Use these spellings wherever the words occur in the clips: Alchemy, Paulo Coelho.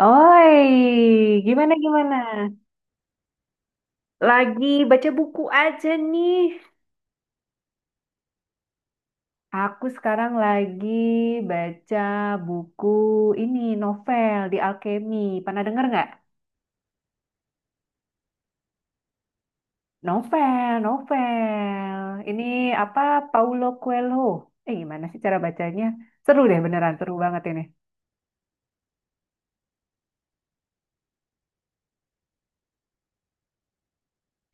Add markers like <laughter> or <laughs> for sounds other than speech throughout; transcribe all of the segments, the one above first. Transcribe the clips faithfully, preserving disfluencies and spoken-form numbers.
Oi, gimana gimana? Lagi baca buku aja nih. Aku sekarang lagi baca buku ini novel di Alchemy. Pernah denger nggak? Novel, novel. Ini apa Paulo Coelho? Eh gimana sih cara bacanya? Seru deh beneran, seru banget ini.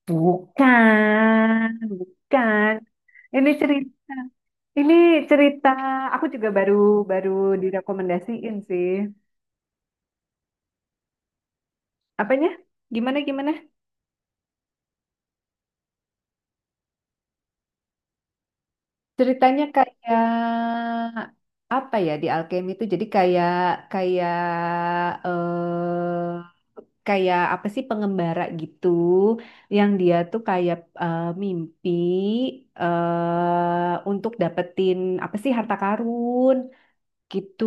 Bukan, bukan. Ini cerita, ini cerita. Aku juga baru baru direkomendasiin sih. Apanya? Gimana gimana? Ceritanya kayak apa ya di alkemi itu? Jadi kayak kayak eh kayak apa sih pengembara gitu yang dia tuh kayak eh, mimpi eh untuk dapetin apa sih harta karun. Gitu.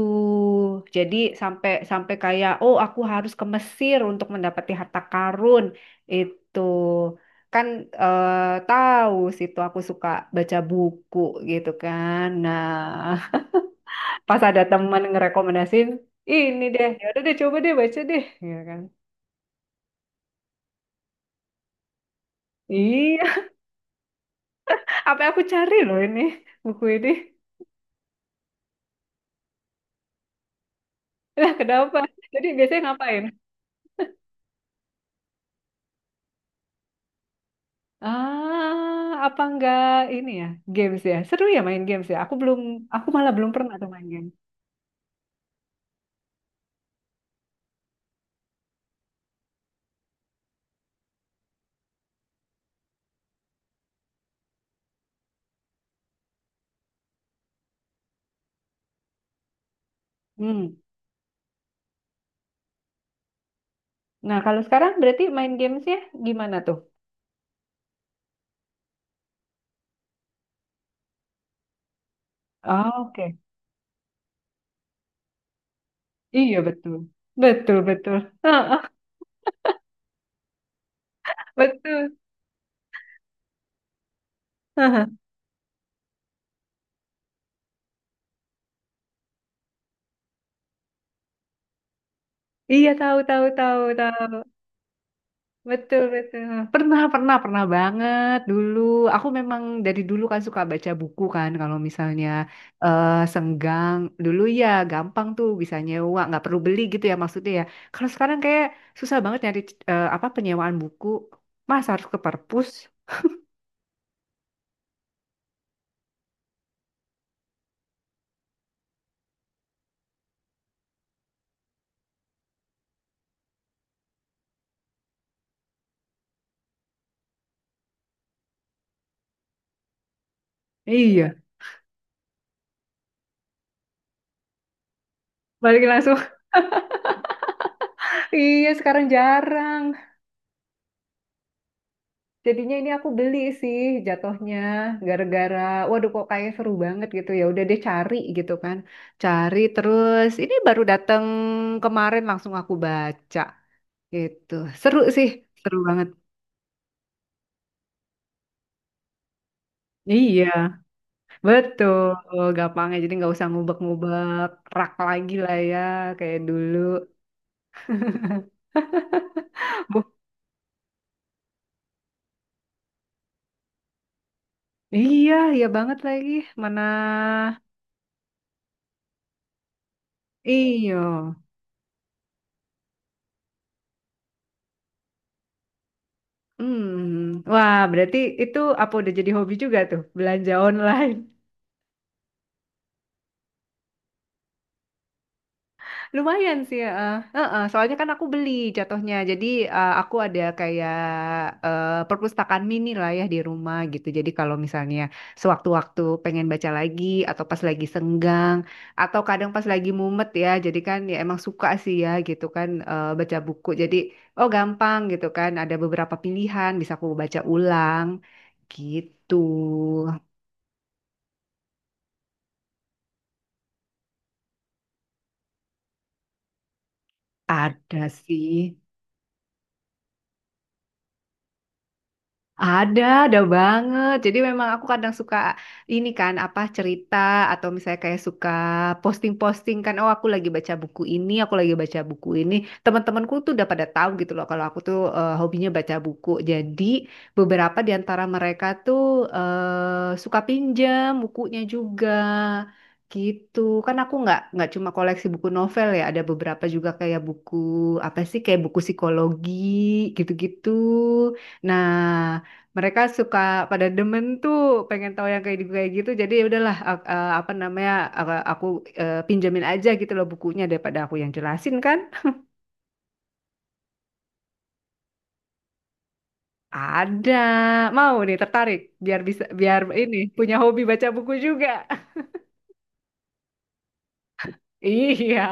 Jadi sampai sampai kayak oh aku harus ke Mesir untuk mendapati harta karun itu kan eh, tahu situ aku suka baca buku gitu kan. Nah, <laughs> pas ada teman ngerekomendasin ini deh, ya udah deh coba deh baca deh gitu kan. Iya, <laughs> apa yang aku cari loh ini buku ini. Lah kenapa? Jadi biasanya ngapain? Ah, apa enggak ini ya games ya? Seru ya main games ya? Aku belum, aku malah belum pernah tuh main game. Hmm. Nah, kalau sekarang berarti main gamesnya gimana tuh? Ah, oke, iya betul, betul betul, heeh, betul. Heeh. Iya tahu tahu tahu tahu. Betul, betul. Pernah, pernah, pernah banget dulu. Aku memang dari dulu kan suka baca buku kan. Kalau misalnya eh senggang, dulu ya gampang tuh bisa nyewa, nggak perlu beli gitu ya maksudnya ya. Kalau sekarang kayak susah banget nyari eh, apa penyewaan buku. Mas harus ke perpus. Iya, balik langsung. <laughs> Iya, sekarang jarang. Jadinya ini aku beli sih jatuhnya gara-gara waduh kok kayak seru banget gitu ya udah deh cari gitu kan. Cari terus ini baru dateng kemarin langsung aku baca gitu. Seru sih, seru banget. Iya, betul. Gampangnya jadi nggak usah ngubek-ngubek rak lagi lah ya kayak dulu. <laughs> Bu, iya, iya banget lagi. Mana iyo. Hmm. Wah, berarti itu apa udah jadi hobi juga tuh belanja online. Lumayan sih, heeh. Heeh, soalnya kan aku beli jatuhnya. Jadi eh, aku ada kayak eh, perpustakaan mini lah ya di rumah gitu. Jadi kalau misalnya sewaktu-waktu pengen baca lagi atau pas lagi senggang atau kadang pas lagi mumet ya. Jadi kan ya emang suka sih ya gitu kan eh, baca buku. Jadi oh gampang gitu kan ada beberapa pilihan bisa aku baca ulang gitu. Ada sih. Ada, ada banget. Jadi memang aku kadang suka ini kan apa cerita atau misalnya kayak suka posting-posting kan, oh aku lagi baca buku ini, aku lagi baca buku ini. Teman-temanku tuh udah pada tahu gitu loh kalau aku tuh eh, hobinya baca buku. Jadi beberapa di antara mereka tuh eh, suka pinjam bukunya juga. Gitu kan aku nggak nggak cuma koleksi buku novel ya ada beberapa juga kayak buku apa sih kayak buku psikologi gitu-gitu. Nah, mereka suka pada demen tuh pengen tahu yang kayak di- kayak gitu jadi ya udahlah a- a- apa namanya aku, aku, eh, pinjamin aja gitu loh bukunya daripada aku yang jelasin kan ada mau nih tertarik biar bisa biar ini punya hobi baca buku juga. <laughs> Iya,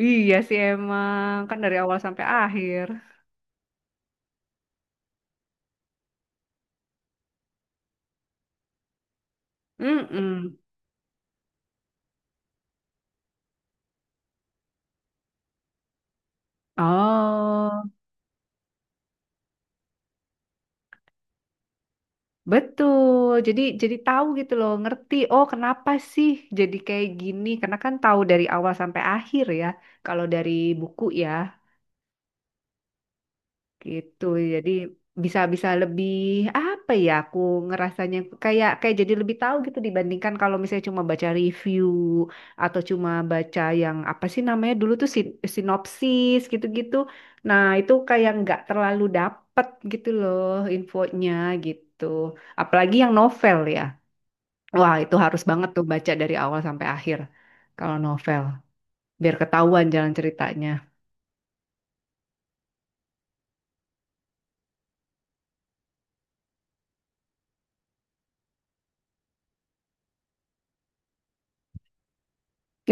iya sih emang kan dari awal sampai akhir. Mm. Oh. Betul. Jadi jadi tahu gitu loh, ngerti. Oh, kenapa sih jadi kayak gini? Karena kan tahu dari awal sampai akhir ya. Kalau dari buku ya, gitu. Jadi bisa bisa lebih apa ya? Aku ngerasanya kayak kayak jadi lebih tahu gitu dibandingkan kalau misalnya cuma baca review atau cuma baca yang apa sih namanya dulu tuh sin- sinopsis gitu-gitu. Nah, itu kayak nggak terlalu dapet gitu loh infonya gitu. Apalagi yang novel ya. Wah, itu harus banget tuh baca dari awal sampai akhir kalau novel, biar ketahuan jalan ceritanya.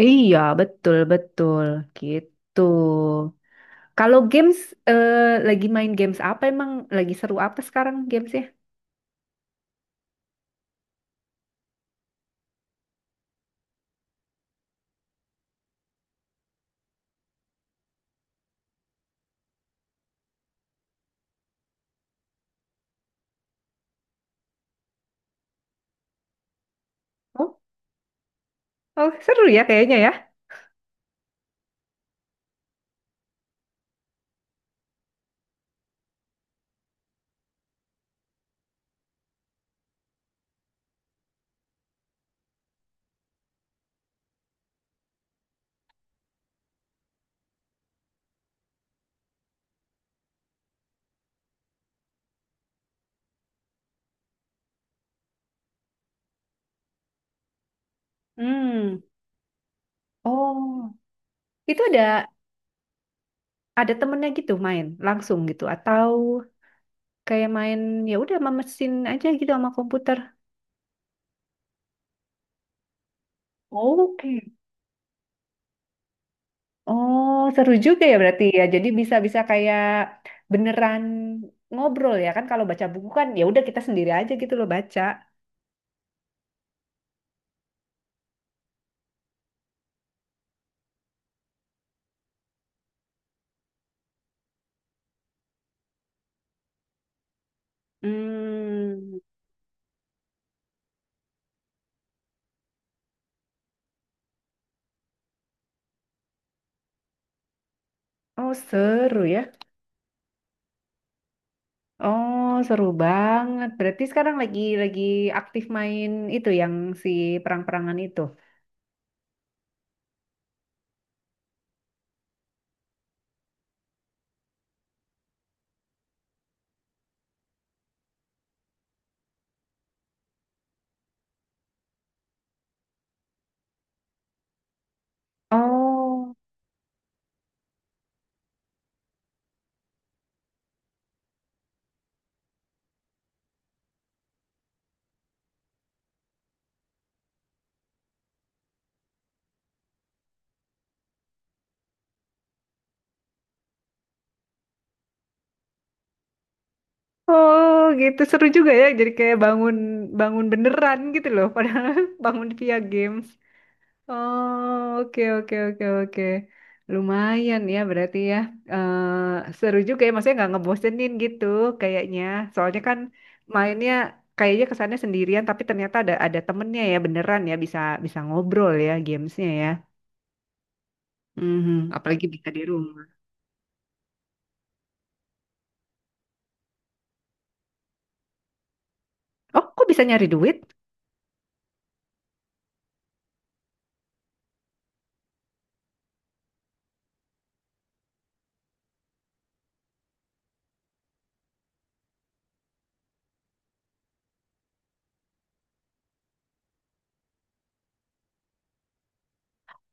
Iya, betul betul gitu. Kalau games eh, lagi main games apa emang lagi seru apa sekarang gamesnya? Oh, oh seru ya kayaknya ya. Hmm. Oh, itu ada ada temennya gitu main langsung gitu atau kayak main ya udah sama mesin aja gitu sama komputer. Oke. Oh, seru juga ya berarti ya. Jadi bisa-bisa kayak beneran ngobrol ya kan kalau baca buku kan ya udah kita sendiri aja gitu loh baca. Hmm. Oh, seru ya. Oh, seru banget. Berarti sekarang lagi lagi aktif main itu yang si perang-perangan itu. Oh. Oh, gitu seru juga ya. Jadi kayak bangun bangun beneran gitu loh padahal <laughs> bangun via game. Oh, oke, oke, oke, oke. Lumayan ya berarti ya. Eh, seru juga ya, maksudnya nggak ngebosenin gitu kayaknya. Soalnya kan mainnya kayaknya kesannya sendirian, tapi ternyata ada ada temennya ya beneran ya bisa bisa ngobrol ya gamesnya ya. Mhm, apalagi bisa di rumah. Oh, kok bisa nyari duit?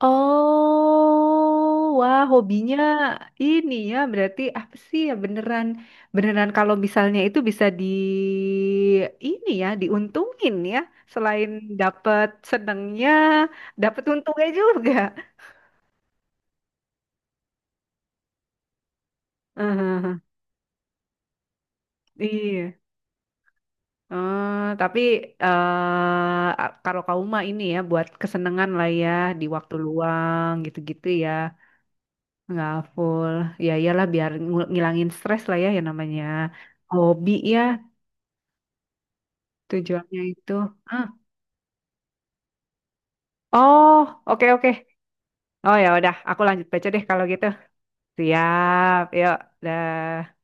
Oh, wah hobinya ini ya berarti apa sih ya beneran beneran kalau misalnya itu bisa di ini ya diuntungin ya selain dapat senengnya dapat untungnya juga. <laughs> Heeh, iya. Eh, tapi eh kalau kamu mah ini ya buat kesenangan lah ya di waktu luang gitu-gitu ya. Nggak full. Ya iyalah biar ngul- ngilangin stres lah ya yang namanya hobi ya. Tujuannya itu. Ah. Oh, oke oke. Oh ya udah, aku lanjut baca deh kalau gitu. Siap, yuk. Dah.